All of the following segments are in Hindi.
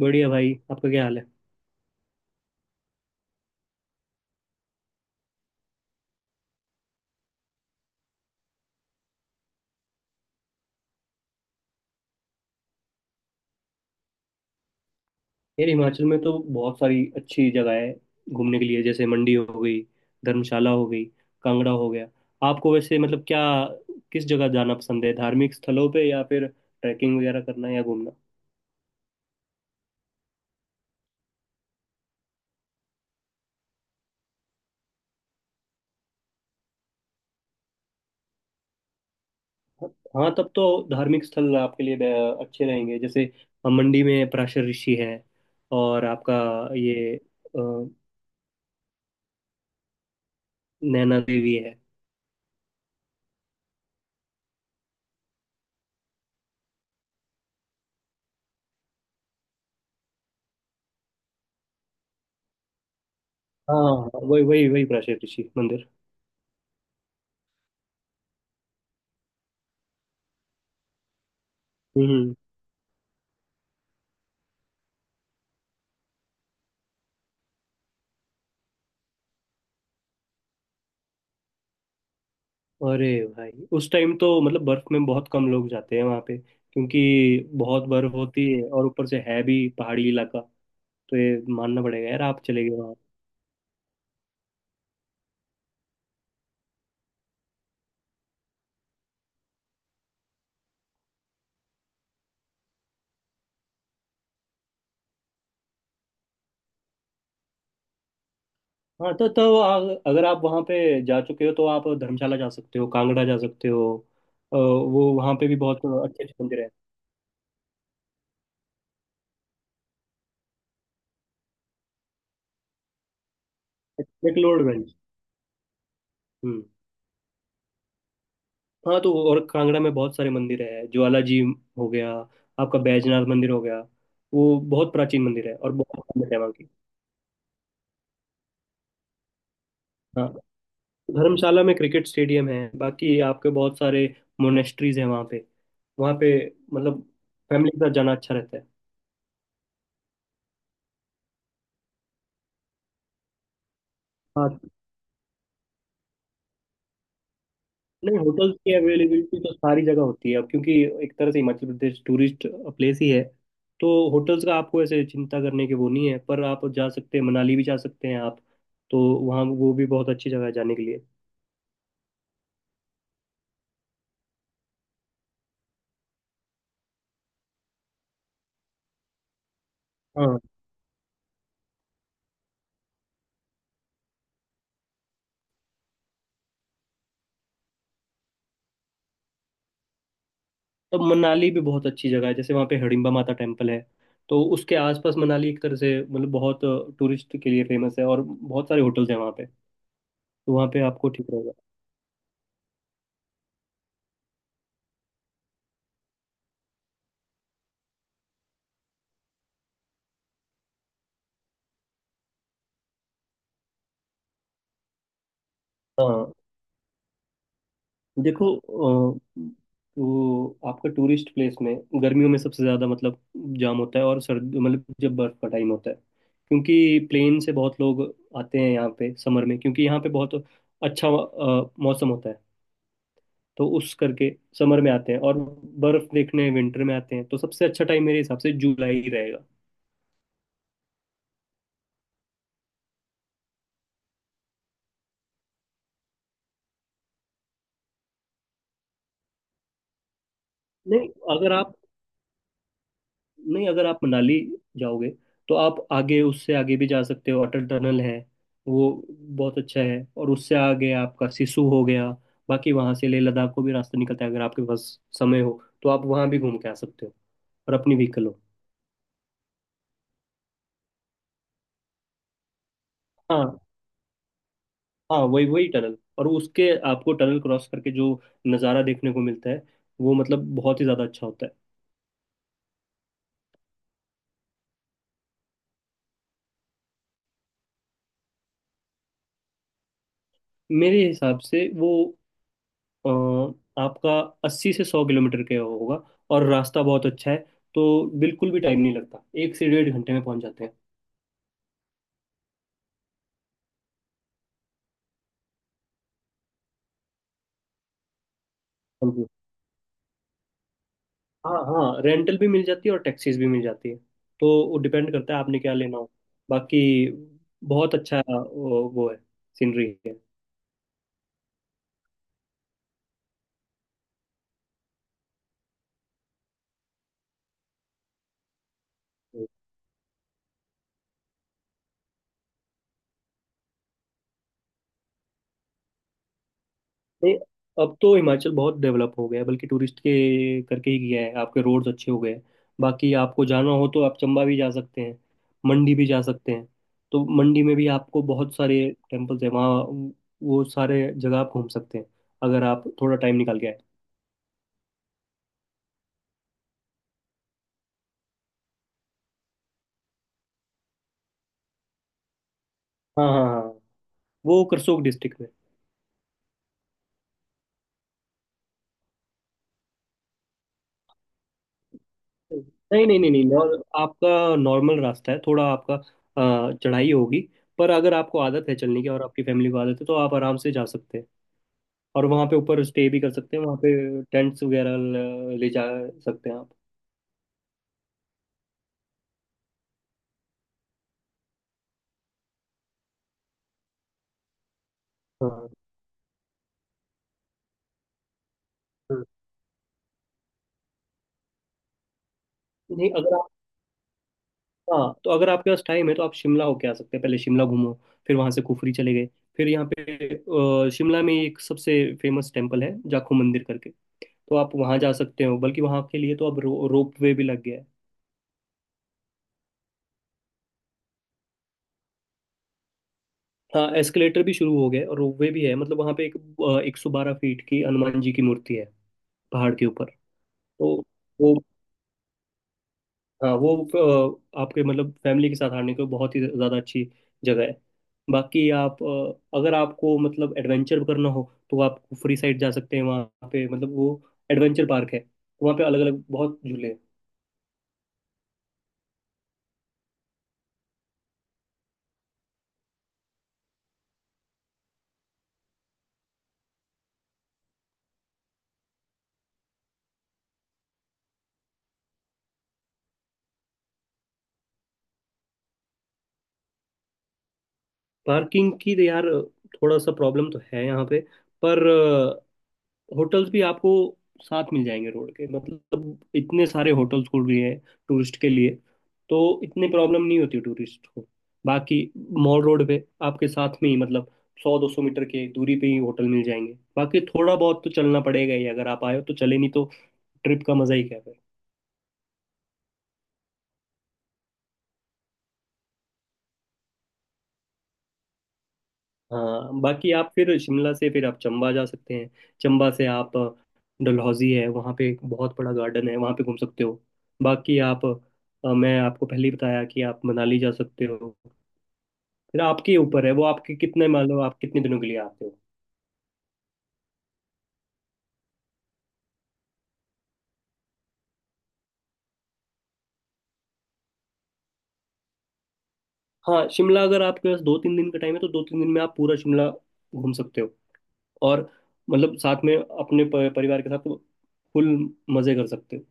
बढ़िया भाई। आपका क्या हाल है? यार, हिमाचल में तो बहुत सारी अच्छी जगह है घूमने के लिए। जैसे मंडी हो गई, धर्मशाला हो गई, कांगड़ा हो गया। आपको वैसे मतलब क्या, किस जगह जाना पसंद है, धार्मिक स्थलों पे या फिर ट्रैकिंग वगैरह करना या घूमना? हाँ, तब तो धार्मिक स्थल आपके लिए अच्छे रहेंगे। जैसे हम मंडी में पराशर ऋषि है, और आपका ये नैना देवी है। हाँ हाँ, वही वही वही पराशर ऋषि मंदिर। हम्म। अरे भाई, उस टाइम तो मतलब बर्फ में बहुत कम लोग जाते हैं वहां पे, क्योंकि बहुत बर्फ होती है और ऊपर से है भी पहाड़ी इलाका। तो ये मानना पड़ेगा यार, आप चले गए वहाँ। हाँ, अगर आप वहाँ पे जा चुके हो तो आप धर्मशाला जा सकते हो, कांगड़ा जा सकते हो। वो वहाँ पे भी बहुत अच्छे अच्छे मंदिर है। मैक्लोडगंज। हम्म। हाँ, तो और कांगड़ा में बहुत सारे मंदिर है। ज्वाला जी हो गया, आपका बैजनाथ मंदिर हो गया। वो बहुत प्राचीन मंदिर है और बहुत famous है वहाँ की। हाँ। धर्मशाला में क्रिकेट स्टेडियम है। बाकी आपके बहुत सारे मोनेस्ट्रीज हैं वहाँ पे। वहाँ पे मतलब फैमिली के साथ जाना अच्छा रहता है। हाँ। नहीं, होटल्स की अवेलेबिलिटी तो सारी जगह होती है अब, क्योंकि एक तरह से हिमाचल प्रदेश टूरिस्ट प्लेस ही है। तो होटल्स का आपको ऐसे चिंता करने की वो नहीं है, पर आप जा सकते हैं, मनाली भी जा सकते हैं आप तो। वहाँ वो भी बहुत अच्छी जगह है जाने के लिए। हाँ, तो मनाली भी बहुत अच्छी जगह है। जैसे वहाँ पे हिडिंबा माता टेम्पल है, तो उसके आसपास मनाली एक तरह से मतलब बहुत टूरिस्ट के लिए फेमस है, और बहुत सारे होटल्स हैं वहाँ पे। तो वहाँ पे आपको ठीक रहेगा। हाँ, देखो, तो आपका टूरिस्ट प्लेस में गर्मियों में सबसे ज़्यादा मतलब जाम होता है, और सर्द मतलब जब बर्फ का टाइम होता है, क्योंकि प्लेन से बहुत लोग आते हैं यहाँ पे समर में। क्योंकि यहाँ पे बहुत अच्छा मौसम होता है, तो उस करके समर में आते हैं, और बर्फ देखने विंटर में आते हैं। तो सबसे अच्छा टाइम मेरे हिसाब से जुलाई ही रहेगा। नहीं अगर आप नहीं, अगर आप मनाली जाओगे तो आप आगे, उससे आगे भी जा सकते हो। अटल टनल है, वो बहुत अच्छा है। और उससे आगे आपका सिसु हो गया। बाकी वहां से लेह लद्दाख को भी रास्ता निकलता है। अगर आपके पास समय हो तो आप वहां भी घूम के आ सकते हो, और अपनी व्हीकल हो। हाँ हाँ, वही वही टनल। और उसके, आपको टनल क्रॉस करके जो नज़ारा देखने को मिलता है वो मतलब बहुत ही ज़्यादा अच्छा होता है। मेरे हिसाब से वो अ, आपका 80 से 100 किलोमीटर के होगा, और रास्ता बहुत अच्छा है, तो बिल्कुल भी टाइम नहीं लगता। 1 से डेढ़ घंटे में पहुंच जाते हैं। समझिए। हाँ हाँ, रेंटल भी मिल जाती है, और टैक्सीज भी मिल जाती है। तो वो डिपेंड करता है आपने क्या लेना हो। बाकी बहुत अच्छा वो है, सीनरी है। नहीं, अब तो हिमाचल बहुत डेवलप हो गया है, बल्कि टूरिस्ट के करके ही गया है। आपके रोड्स अच्छे हो गए हैं। बाकी आपको जाना हो तो आप चंबा भी जा सकते हैं, मंडी भी जा सकते हैं। तो मंडी में भी आपको बहुत सारे टेम्पल्स हैं वहाँ। वो सारे जगह आप घूम सकते हैं, अगर आप थोड़ा टाइम निकाल के आए। हाँ हाँ हाँ, वो करसोग डिस्ट्रिक्ट में। नहीं नहीं नहीं नहीं, आपका नॉर्मल रास्ता है। थोड़ा आपका चढ़ाई होगी। पर अगर आपको आदत है चलने की और आपकी फैमिली को आदत है तो आप आराम से जा सकते हैं। और वहाँ पे ऊपर स्टे भी कर सकते हैं। वहाँ पे टेंट्स वगैरह ले जा सकते हैं आप। हाँ। हाँ। नहीं अगर आप हाँ, तो अगर आपके पास टाइम है तो आप शिमला होके आ सकते हैं। पहले शिमला घूमो, फिर वहाँ से कुफरी चले गए, फिर यहाँ पे शिमला में एक सबसे फेमस टेम्पल है जाखू मंदिर करके। तो आप वहाँ जा सकते हो। बल्कि वहाँ के लिए तो अब रोप वे भी लग गया है। हाँ, एस्केलेटर भी शुरू हो गया है और रोपवे भी है। मतलब वहाँ पे एक एक सौ बारह फीट की हनुमान जी की मूर्ति है पहाड़ के ऊपर। तो वो, हाँ वो आपके मतलब फैमिली के साथ आने को बहुत ही ज़्यादा अच्छी जगह है। बाकी आप, अगर आपको मतलब एडवेंचर करना हो तो आप फ्री साइड जा सकते हैं। वहाँ पे मतलब वो एडवेंचर पार्क है, वहाँ पे अलग अलग बहुत झूले हैं। पार्किंग की तो यार, थोड़ा सा प्रॉब्लम तो है यहाँ पे। पर होटल्स भी आपको साथ मिल जाएंगे रोड के, मतलब इतने सारे होटल्स खुल रही है टूरिस्ट के लिए। तो इतनी प्रॉब्लम नहीं होती टूरिस्ट को। बाकी मॉल रोड पे आपके साथ में ही मतलब 100-200 मीटर के दूरी पे ही होटल मिल जाएंगे। बाकी थोड़ा बहुत तो चलना पड़ेगा ही, अगर आप आए हो तो चले, नहीं तो ट्रिप का मजा ही क्या है। हाँ, बाकी आप फिर शिमला से फिर आप चंबा जा सकते हैं। चंबा से आप, डलहौजी है। वहाँ पे एक बहुत बड़ा गार्डन है, वहाँ पे घूम सकते हो। बाकी आप, मैं आपको पहले ही बताया कि आप मनाली जा सकते हो। फिर आपके ऊपर है वो, आपके कितने, मान लो आप कितने दिनों के लिए आते हो। हाँ, शिमला अगर आपके पास 2-3 दिन का टाइम है तो 2-3 दिन में आप पूरा शिमला घूम सकते हो। और मतलब साथ में अपने परिवार के साथ फुल मज़े कर सकते हो।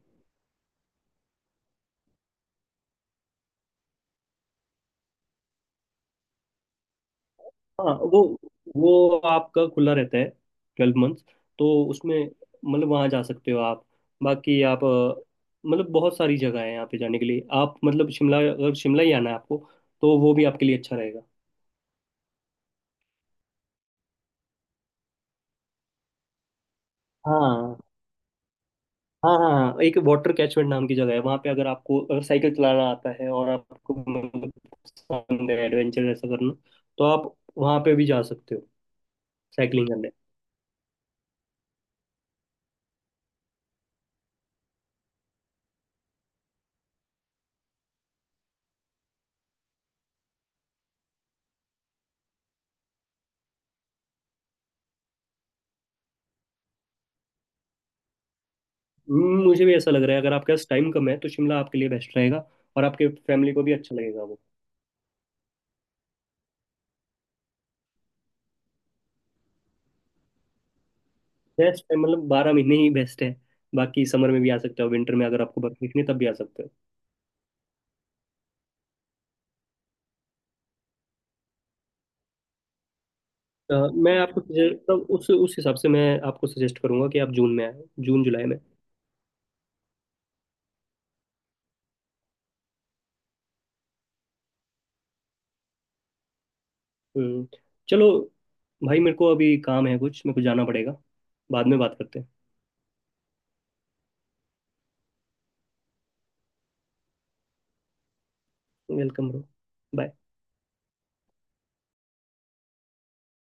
हाँ वो आपका खुला रहता है 12 मंथ्स। तो उसमें मतलब वहाँ जा सकते हो आप। बाकी आप, मतलब बहुत सारी जगह है यहाँ पे जाने के लिए। आप मतलब शिमला, अगर शिमला ही आना है आपको, तो वो भी आपके लिए अच्छा रहेगा। हाँ हाँ हाँ हाँ, एक वाटर कैचमेंट नाम की जगह है वहाँ पे। अगर आपको, अगर साइकिल चलाना आता है और आपको मतलब पसंद है एडवेंचर ऐसा करना, तो आप वहाँ पे भी जा सकते हो साइकिलिंग। मुझे भी ऐसा लग रहा है। अगर आपके पास टाइम कम है तो शिमला आपके लिए बेस्ट रहेगा, और आपके फैमिली को भी अच्छा लगेगा वो। बेस्ट है, मतलब 12 महीने ही बेस्ट है। बाकी समर में भी आ सकते हो, विंटर में अगर आपको बर्फ दिखनी है, तब भी आ सकते हो। मैं आपको suggest- तब उस हिसाब से मैं आपको सजेस्ट करूंगा कि आप जून में आए, जून जुलाई में। हम्म, चलो भाई, मेरे को अभी काम है कुछ, मेरे को जाना पड़ेगा। बाद में बात करते हैं। Welcome bro. बाय।